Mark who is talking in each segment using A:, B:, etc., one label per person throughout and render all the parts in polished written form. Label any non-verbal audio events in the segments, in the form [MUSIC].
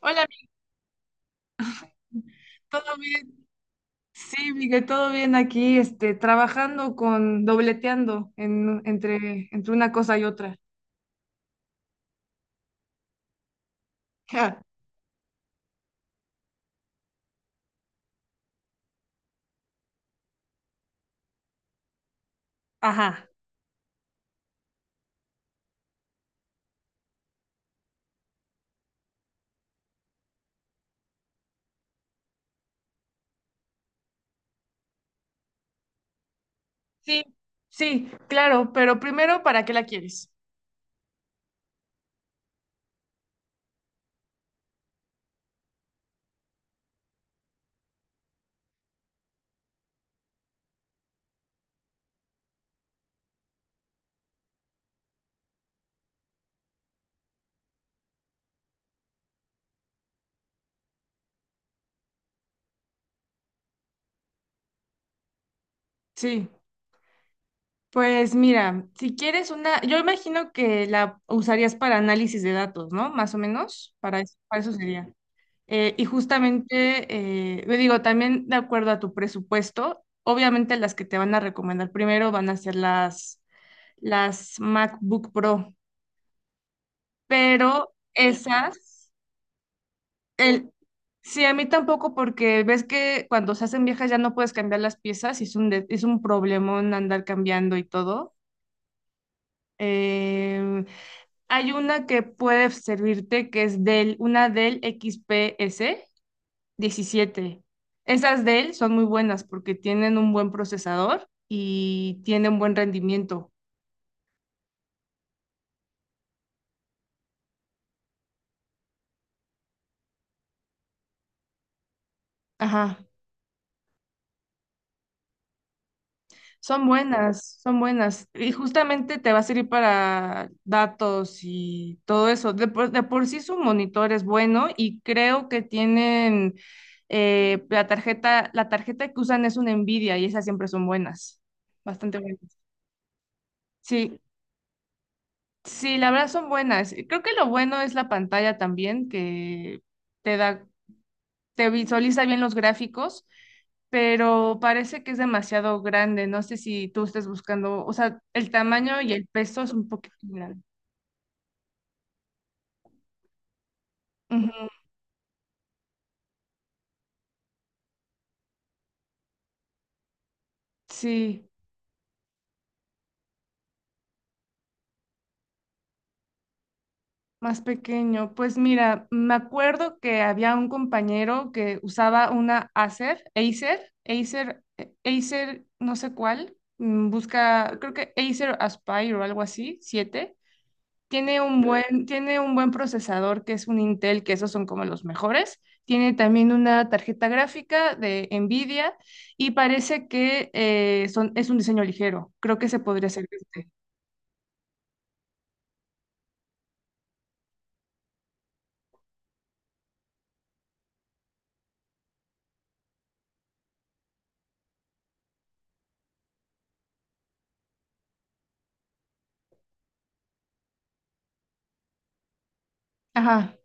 A: Hola, amiga. ¿Todo bien? Sí, Miguel, todo bien aquí, trabajando con, dobleteando entre una cosa y otra. Ja. Ajá. Sí, sí, claro, pero primero, ¿para qué la quieres? Sí, pues mira, si quieres una, yo imagino que la usarías para análisis de datos, ¿no? Más o menos, para eso sería. Y justamente, yo digo, también de acuerdo a tu presupuesto, obviamente las que te van a recomendar primero van a ser las MacBook Pro, pero esas, el, sí, a mí tampoco porque ves que cuando se hacen viejas ya no puedes cambiar las piezas y es un problemón andar cambiando y todo. Em, Hay una que puede servirte que es Dell, una Dell XPS 17. Esas Dell son muy buenas porque tienen un buen procesador y tienen buen rendimiento. Ajá. Son buenas, son buenas. Y justamente te va a servir para datos y todo eso. De por sí su monitor es bueno y creo que tienen la tarjeta que usan es una Nvidia y esas siempre son buenas. Bastante buenas. Sí, sí, la verdad son buenas. Creo que lo bueno es la pantalla también, que te da te visualiza bien los gráficos, pero parece que es demasiado grande. No sé si tú estés buscando, o sea, el tamaño y el peso es un poquito grande. Ujú, sí, más pequeño. Pues mira, me acuerdo que había un compañero que usaba una Acer, no sé cuál. Busca, creo que Acer Aspire o algo así, 7. Tiene un buen procesador que es un Intel, que esos son como los mejores. Tiene también una tarjeta gráfica de Nvidia y parece que es un diseño ligero. Creo que se podría servirte. Ajá.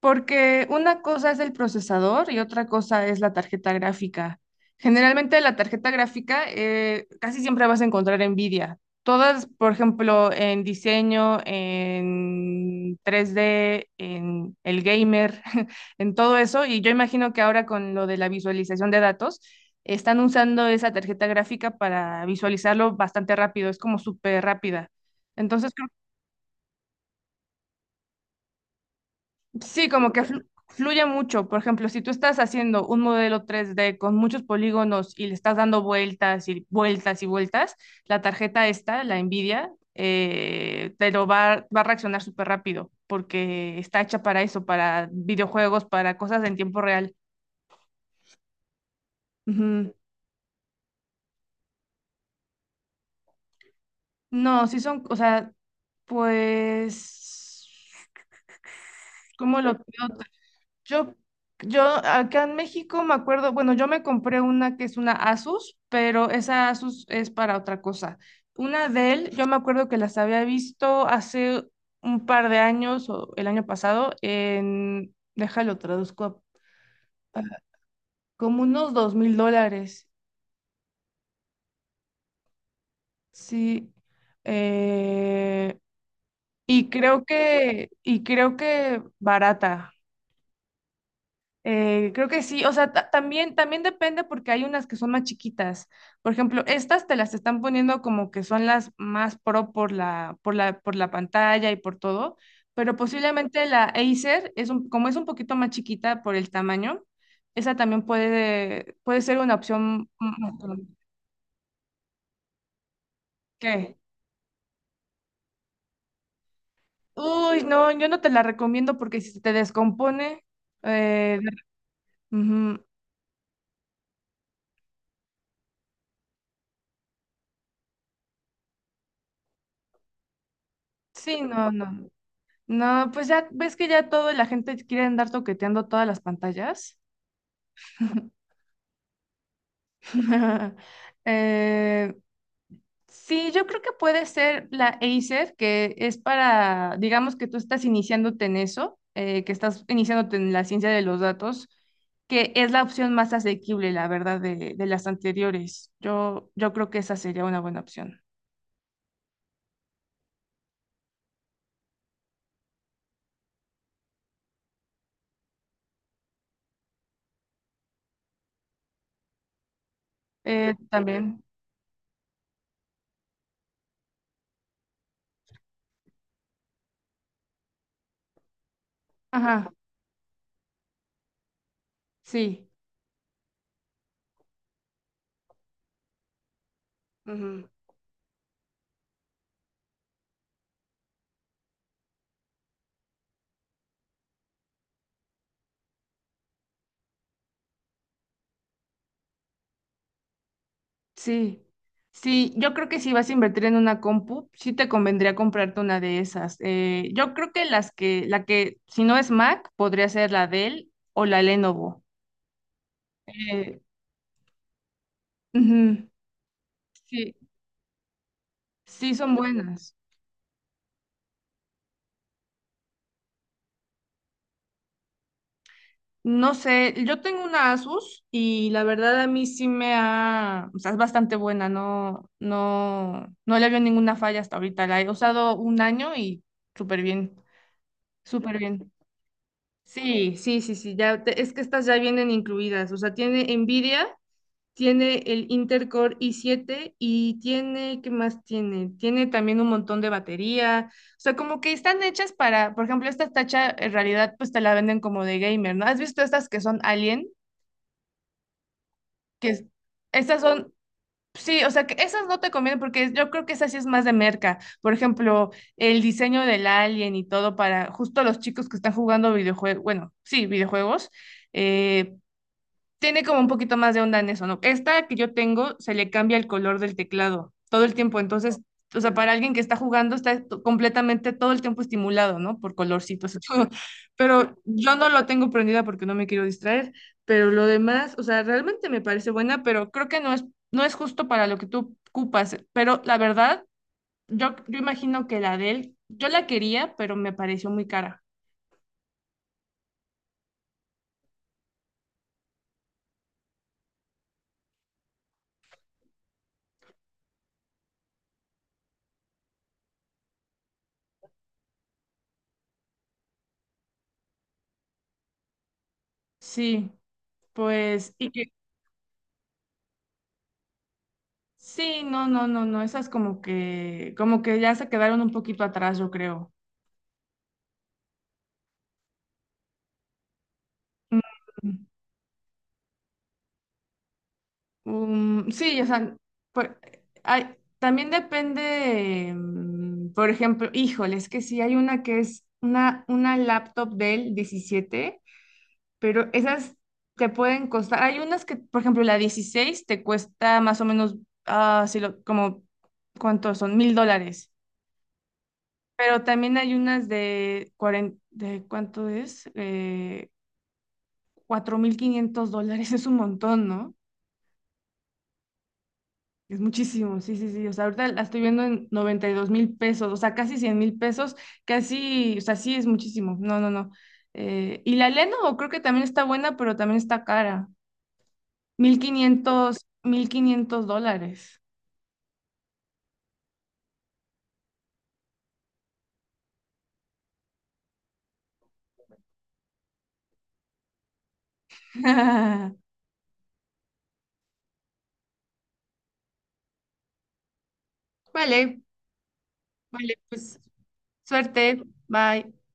A: Porque una cosa es el procesador y otra cosa es la tarjeta gráfica. Generalmente la tarjeta gráfica casi siempre vas a encontrar Nvidia. Todas, por ejemplo, en diseño, en 3D, en el gamer, [LAUGHS] en todo eso. Y yo imagino que ahora con lo de la visualización de datos, están usando esa tarjeta gráfica para visualizarlo bastante rápido. Es como súper rápida. Entonces. Sí, como que fluye mucho. Por ejemplo, si tú estás haciendo un modelo 3D con muchos polígonos y le estás dando vueltas y vueltas y vueltas, la tarjeta esta, la Nvidia, te lo va a reaccionar súper rápido porque está hecha para eso, para videojuegos, para cosas en tiempo real. Ujú. No, sí son, o sea, pues, ¿cómo lo veo? Yo, yo acá en México me acuerdo, bueno, yo me compré una que es una Asus, pero esa Asus es para otra cosa. Una Dell yo me acuerdo que las había visto hace un par de años o el año pasado en, déjalo traduzco, a- como unos $2,000, sí. Eh, y creo que barata. Creo que sí, o sea, también depende porque hay unas que son más chiquitas. Por ejemplo, estas te las están poniendo como que son las más pro por la pantalla y por todo, pero posiblemente la Acer es un, como es un poquito más chiquita por el tamaño, esa también puede ser una opción. Mm, ¿Qué? Uy, no, yo no te la recomiendo porque si se te descompone, eh, ujú, sí, no, no. No, pues ya ves que ya todo la gente quiere andar toqueteando todas las pantallas. [LAUGHS] Eh, sí, yo creo que puede ser la Acer, que es para, digamos que tú estás iniciándote en eso, que estás iniciándote en la ciencia de los datos, que es la opción más asequible, la verdad, de las anteriores. Yo creo que esa sería una buena opción. También, ajá, sí. Ujú. Sí, sí, yo creo que si vas a invertir en una compu, sí te convendría comprarte una de esas. Yo creo que la que, si no es Mac, podría ser la Dell o la Lenovo. Eh, Ujú, sí, sí son buenas. No sé, yo tengo una Asus y la verdad a mí sí me ha, o sea, es bastante buena, no, no, no le veo ninguna falla hasta ahorita. La he usado un año y súper bien, súper bien. Sí, sí, sí, sí, es que estas ya vienen incluidas, o sea, tiene Nvidia, tiene el Intel Core i7 y tiene, ¿qué más tiene? Tiene también un montón de batería, o sea, como que están hechas para, por ejemplo, esta tacha en realidad pues te la venden como de gamer, ¿no? ¿Has visto estas que son Alien? Que es- Estas son, sí, o sea, que esas no te convienen porque yo creo que esa sí es más de merca, por ejemplo, el diseño del Alien y todo para justo los chicos que están jugando videojuegos, bueno, sí, videojuegos. Eh, Tiene como un poquito más de onda en eso, ¿no? Esta que yo tengo se le cambia el color del teclado todo el tiempo, entonces, o sea, para alguien que está jugando está completamente todo el tiempo estimulado, ¿no? Por colorcitos y todo. [LAUGHS] Pero yo no lo tengo prendida porque no me quiero distraer, pero lo demás, o sea, realmente me parece buena, pero creo que no es justo para lo que tú ocupas, pero la verdad, yo imagino que la de él, yo la quería, pero me pareció muy cara. Sí, pues, y que. Sí, no, no, no, no, esas como que ya se quedaron un poquito atrás, yo creo. Mm, sí, o sea, por- también depende, por ejemplo, híjole, es que sí hay una que es una laptop del 17, pero esas te pueden costar, hay unas que, por ejemplo, la 16 te cuesta más o menos, ah, si lo, como, ¿cuántos son? $1,000. Pero también hay unas de, 40 de ¿cuánto es? $4,500 es un montón, ¿no? Es muchísimo, sí, sí, sí. O sea, ahorita la estoy viendo en 92,000 pesos, o sea, casi 100,000 pesos, casi, o sea, sí es muchísimo. No, no, no. Y la Lenovo creo que también está buena, pero también está cara. $1,500. [LAUGHS] Vale, vale, pues suerte, bye.